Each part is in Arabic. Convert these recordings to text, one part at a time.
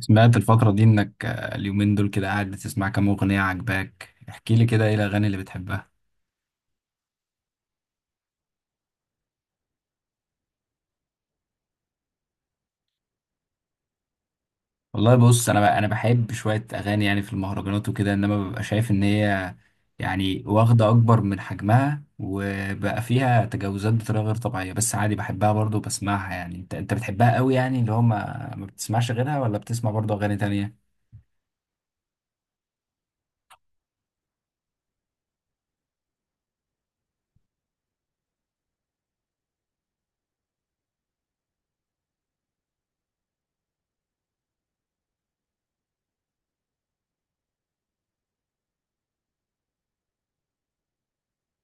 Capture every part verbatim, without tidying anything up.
سمعت الفترة دي إنك آه، اليومين دول كده قاعد بتسمع كام أغنية عجباك، احكي لي كده إيه الأغاني اللي بتحبها؟ والله بص، أنا ب... أنا بحب شوية أغاني يعني في المهرجانات وكده، إنما ببقى شايف إن هي يعني واخدة أكبر من حجمها وبقى فيها تجاوزات بطريقة غير طبيعية. بس عادي بحبها برضه بسمعها. يعني أنت أنت بتحبها قوي يعني اللي هو ما, ما بتسمعش غيرها ولا بتسمع برضه أغاني تانية؟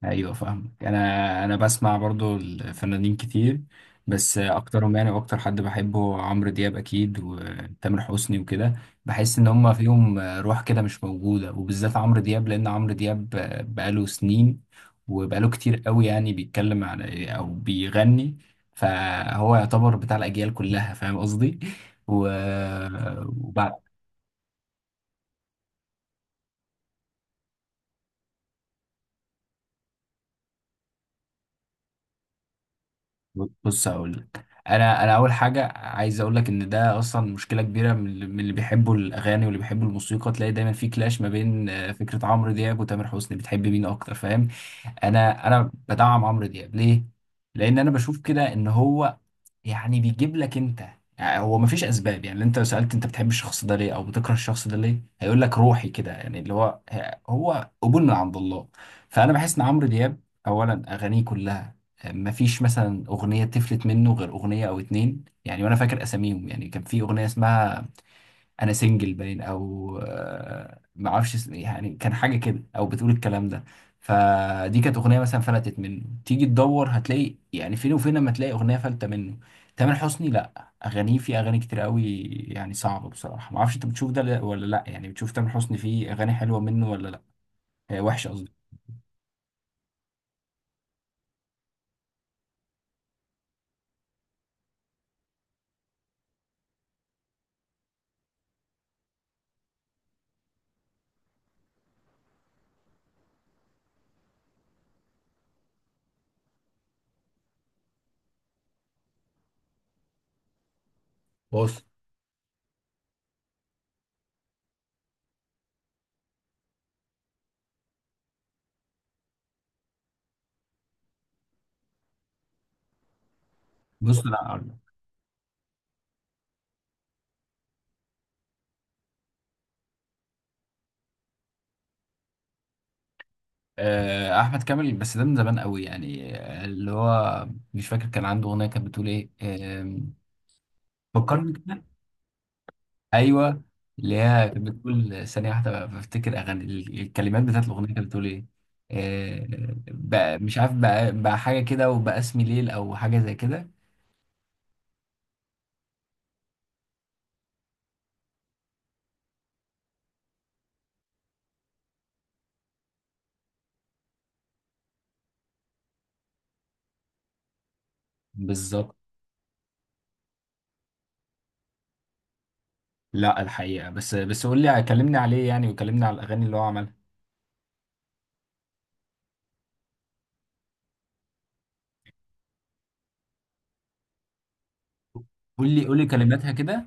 ايوه فاهمك. انا انا بسمع برضو الفنانين كتير، بس اكترهم يعني. واكتر حد بحبه عمرو دياب اكيد، وتامر حسني وكده. بحس ان هما فيهم روح كده مش موجوده، وبالذات عمرو دياب، لان عمرو دياب بقاله سنين وبقاله كتير قوي. يعني بيتكلم على او بيغني، فهو يعتبر بتاع الاجيال كلها. فاهم قصدي؟ و وبع- بص هقول لك. انا انا اول حاجه عايز اقول لك ان ده اصلا مشكله كبيره. من اللي من اللي بيحبوا الاغاني واللي بيحبوا الموسيقى تلاقي دايما في كلاش ما بين آه، فكره عمرو دياب وتامر حسني، بتحب مين اكتر؟ فاهم؟ انا انا بدعم عمرو دياب ليه؟ لان انا بشوف كده ان هو يعني بيجيب لك انت. يعني هو مفيش اسباب. يعني انت لو سالت انت بتحب الشخص ده ليه او بتكره الشخص ده ليه، هيقول لك روحي كده. يعني اللي هو هو قبول من عند الله. فانا بحس ان عمرو دياب اولا اغانيه كلها مفيش مثلا اغنيه تفلت منه غير اغنيه او اتنين يعني. وانا فاكر اساميهم يعني. كان في اغنيه اسمها انا سنجل باين، او آه، ما اعرفش اسم إيه، يعني كان حاجه كده او بتقول الكلام ده. فدي كانت اغنيه مثلا فلتت منه، تيجي تدور هتلاقي يعني فين وفين لما تلاقي اغنيه فلتة منه. تامر حسني لا اغانيه في اغاني كتير قوي، يعني صعبه بصراحه. ما اعرفش انت بتشوف ده لا- ولا لا؟ يعني بتشوف تامر حسني فيه اغاني حلوه منه ولا لا؟ آه، وحشه قصدي. بص بص، لا أقول لك. آه، احمد كامل، بس ده من زمان قوي يعني. آه، اللي هو مش فاكر، كان عنده اغنيه كانت بتقول ايه. آم، فكرني كده. ايوه، اللي هي كانت بتقول ثانيه واحده بفتكر اغاني ال- الكلمات بتاعت الاغنيه كانت بتقول ايه. آه، بقى مش عارف، بقى بقى حاجه كده، وبقى اسمي ليل او حاجه زي كده. بالظبط. لا الحقيقه بس، بس قول لي، كلمني عليه يعني، وكلمني على الاغاني اللي هو عملها. قول لي قول لي كلماتها كده.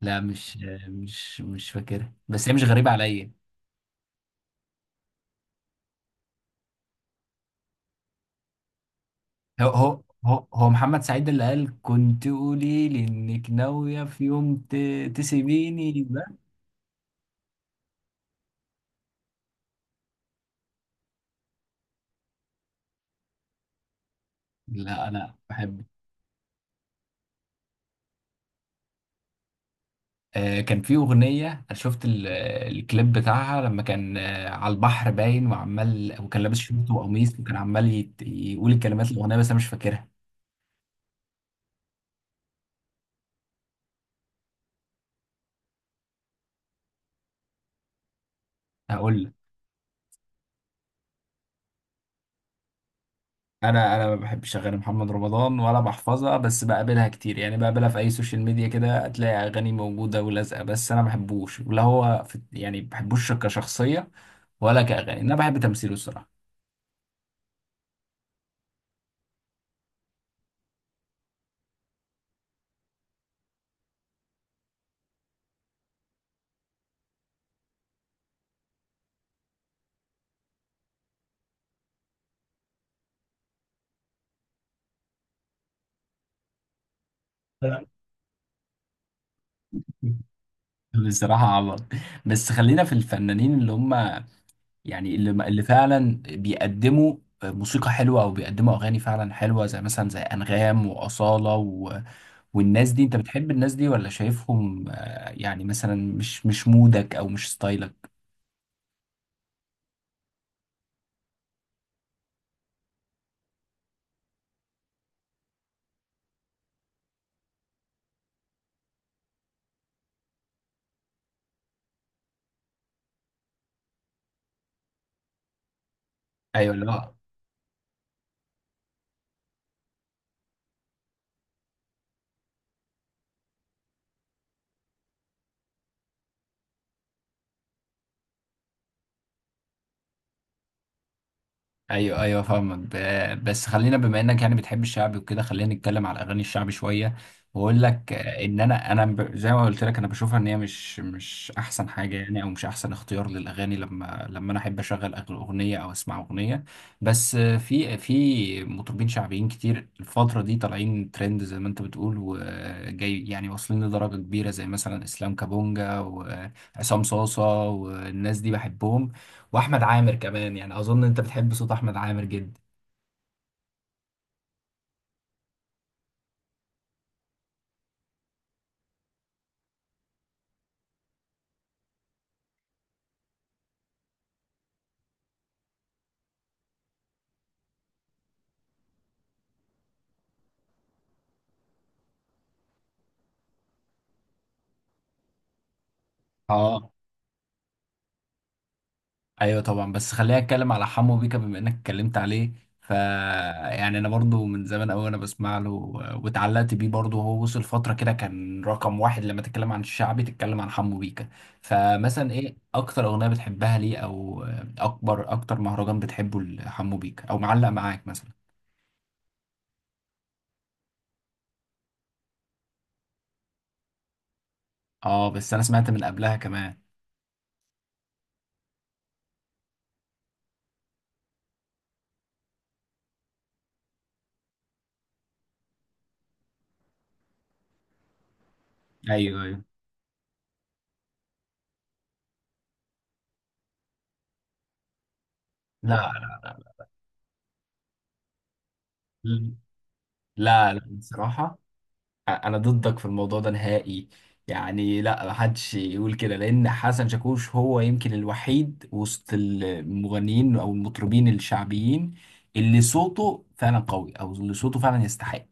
لا مش مش مش فاكرها، بس هي مش غريبه عليا. هو هو هو هو محمد سعيد اللي قال كنت قولي لي انك ناويه في يوم ت- تسيبيني ده. لا انا بحب. آه، كان في أغنية أنا شفت ال- الكليب بتاعها، لما كان آه، على البحر باين وعمال، وكان لابس شورت وقميص، وكان عمال يت- يقول الكلمات الأغنية، بس أنا مش فاكرها. هقول لك. أنا أنا ما بحبش أغاني محمد رمضان ولا بحفظها، بس بقابلها كتير يعني. بقابلها في أي سوشيال ميديا كده، هتلاقي أغاني موجودة ولازقة، بس أنا ما بحبوش. ولا هو في يعني، ما بحبوش كشخصية ولا كأغاني. أنا بحب تمثيله الصراحة. بصراحة عبط. بس خلينا في الفنانين اللي هم يعني اللي اللي فعلا بيقدموا موسيقى حلوة أو بيقدموا أغاني فعلا حلوة، زي مثلا زي أنغام وأصالة و... والناس دي. أنت بتحب الناس دي ولا شايفهم آه، يعني مثلا مش مش مودك أو مش ستايلك؟ أيوه لا. ايوه ايوه فاهمك. ب- بس خلينا، بما انك يعني بتحب الشعبي وكده، خلينا نتكلم على الاغاني الشعبي شويه. واقول لك آه، ان انا انا ب- زي ما قلت لك انا بشوفها ان هي مش مش احسن حاجه يعني، او مش احسن اختيار للاغاني لما لما انا احب اشغل أغ- اغنيه او اسمع اغنيه. بس آه، في في مطربين شعبيين كتير الفتره دي طالعين ترند زي ما انت بتقول وجاي يعني، واصلين لدرجه كبيره، زي مثلا اسلام كابونجا وعصام صاصه والناس دي، بحبهم. واحمد عامر كمان يعني. اظن انت بتحب صوت احمد عامر جدا. اه. ايوه طبعا. بس خليني اتكلم على حمو بيكا بما انك اتكلمت عليه. ف يعني انا برضو من زمان قوي انا بسمع له، واتعلقت بيه برضو. هو وصل فتره كده كان رقم واحد، لما تتكلم عن الشعبي تتكلم عن حمو بيكا. فمثلا ايه اكتر اغنيه بتحبها ليه، او اكبر اكتر مهرجان بتحبه لحمو بيكا او معلق معاك مثلا؟ اه بس انا سمعت من قبلها كمان. ايوه ايوه. لا لا لا لا، بصراحه انا ضدك في الموضوع ده نهائي. يعني لا محدش يقول كده، لان حسن شاكوش هو يمكن الوحيد وسط المغنيين او المطربين الشعبيين اللي صوته فعلا قوي او اللي صوته فعلا يستحق.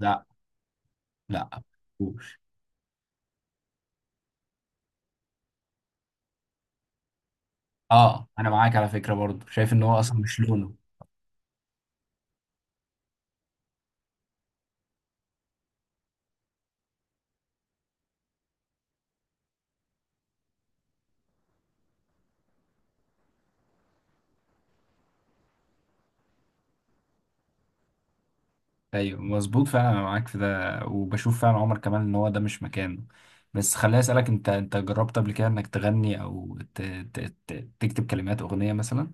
لا لا شاكوش. اه انا معاك على فكرة برضه، شايف ان هو اصلا مش لونه. ايوه مظبوط فعلا، انا معاك في ده. وبشوف فعلا عمر كمال ان هو ده مش مكانه. بس خليني اسالك، انت انت جربت قبل كده انك تغني او ت... ت... ت... تكتب كلمات اغنية مثلا؟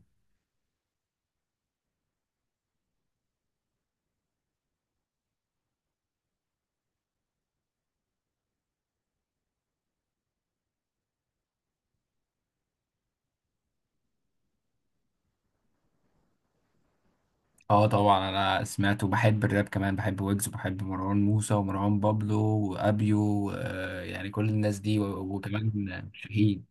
اه طبعا انا سمعت وبحب الراب كمان. بحب ويجز وبحب مروان موسى ومروان بابلو وابيو آه يعني كل الناس دي و- وكمان شاهين.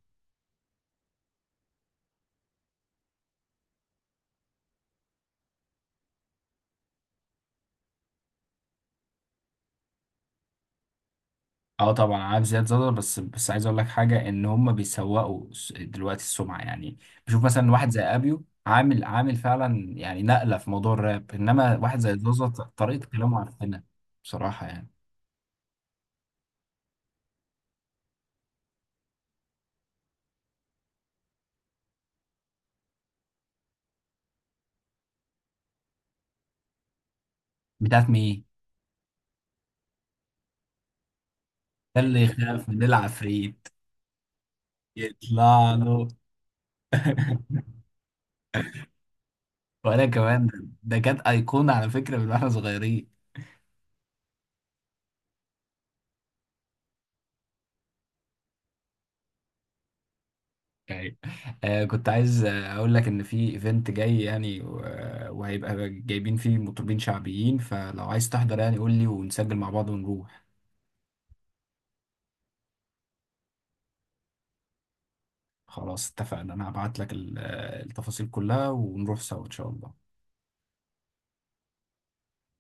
اه طبعا عارف زياد زازا. بس بس عايز اقول لك حاجه، ان هم بيسوقوا س- دلوقتي السمعه يعني. بشوف مثلا واحد زي ابيو عامل عامل فعلا يعني نقله في موضوع الراب، انما واحد زي زازا ط- طريقه كلامه عفنه بصراحه يعني. بتاعت مين؟ اللي يخاف من العفريت يطلع له. وانا كمان ده ده كانت ايقونه على فكره من واحنا صغيرين. يعني آه كنت عايز آه، اقول لك ان في ايفنت جاي يعني و- آه، وهيبقى جايبين فيه مطربين شعبيين، فلو عايز تحضر يعني قول لي ونسجل مع بعض ونروح. خلاص اتفقنا، انا هبعت لك ال- آه، التفاصيل كلها ونروح سوا ان شاء الله.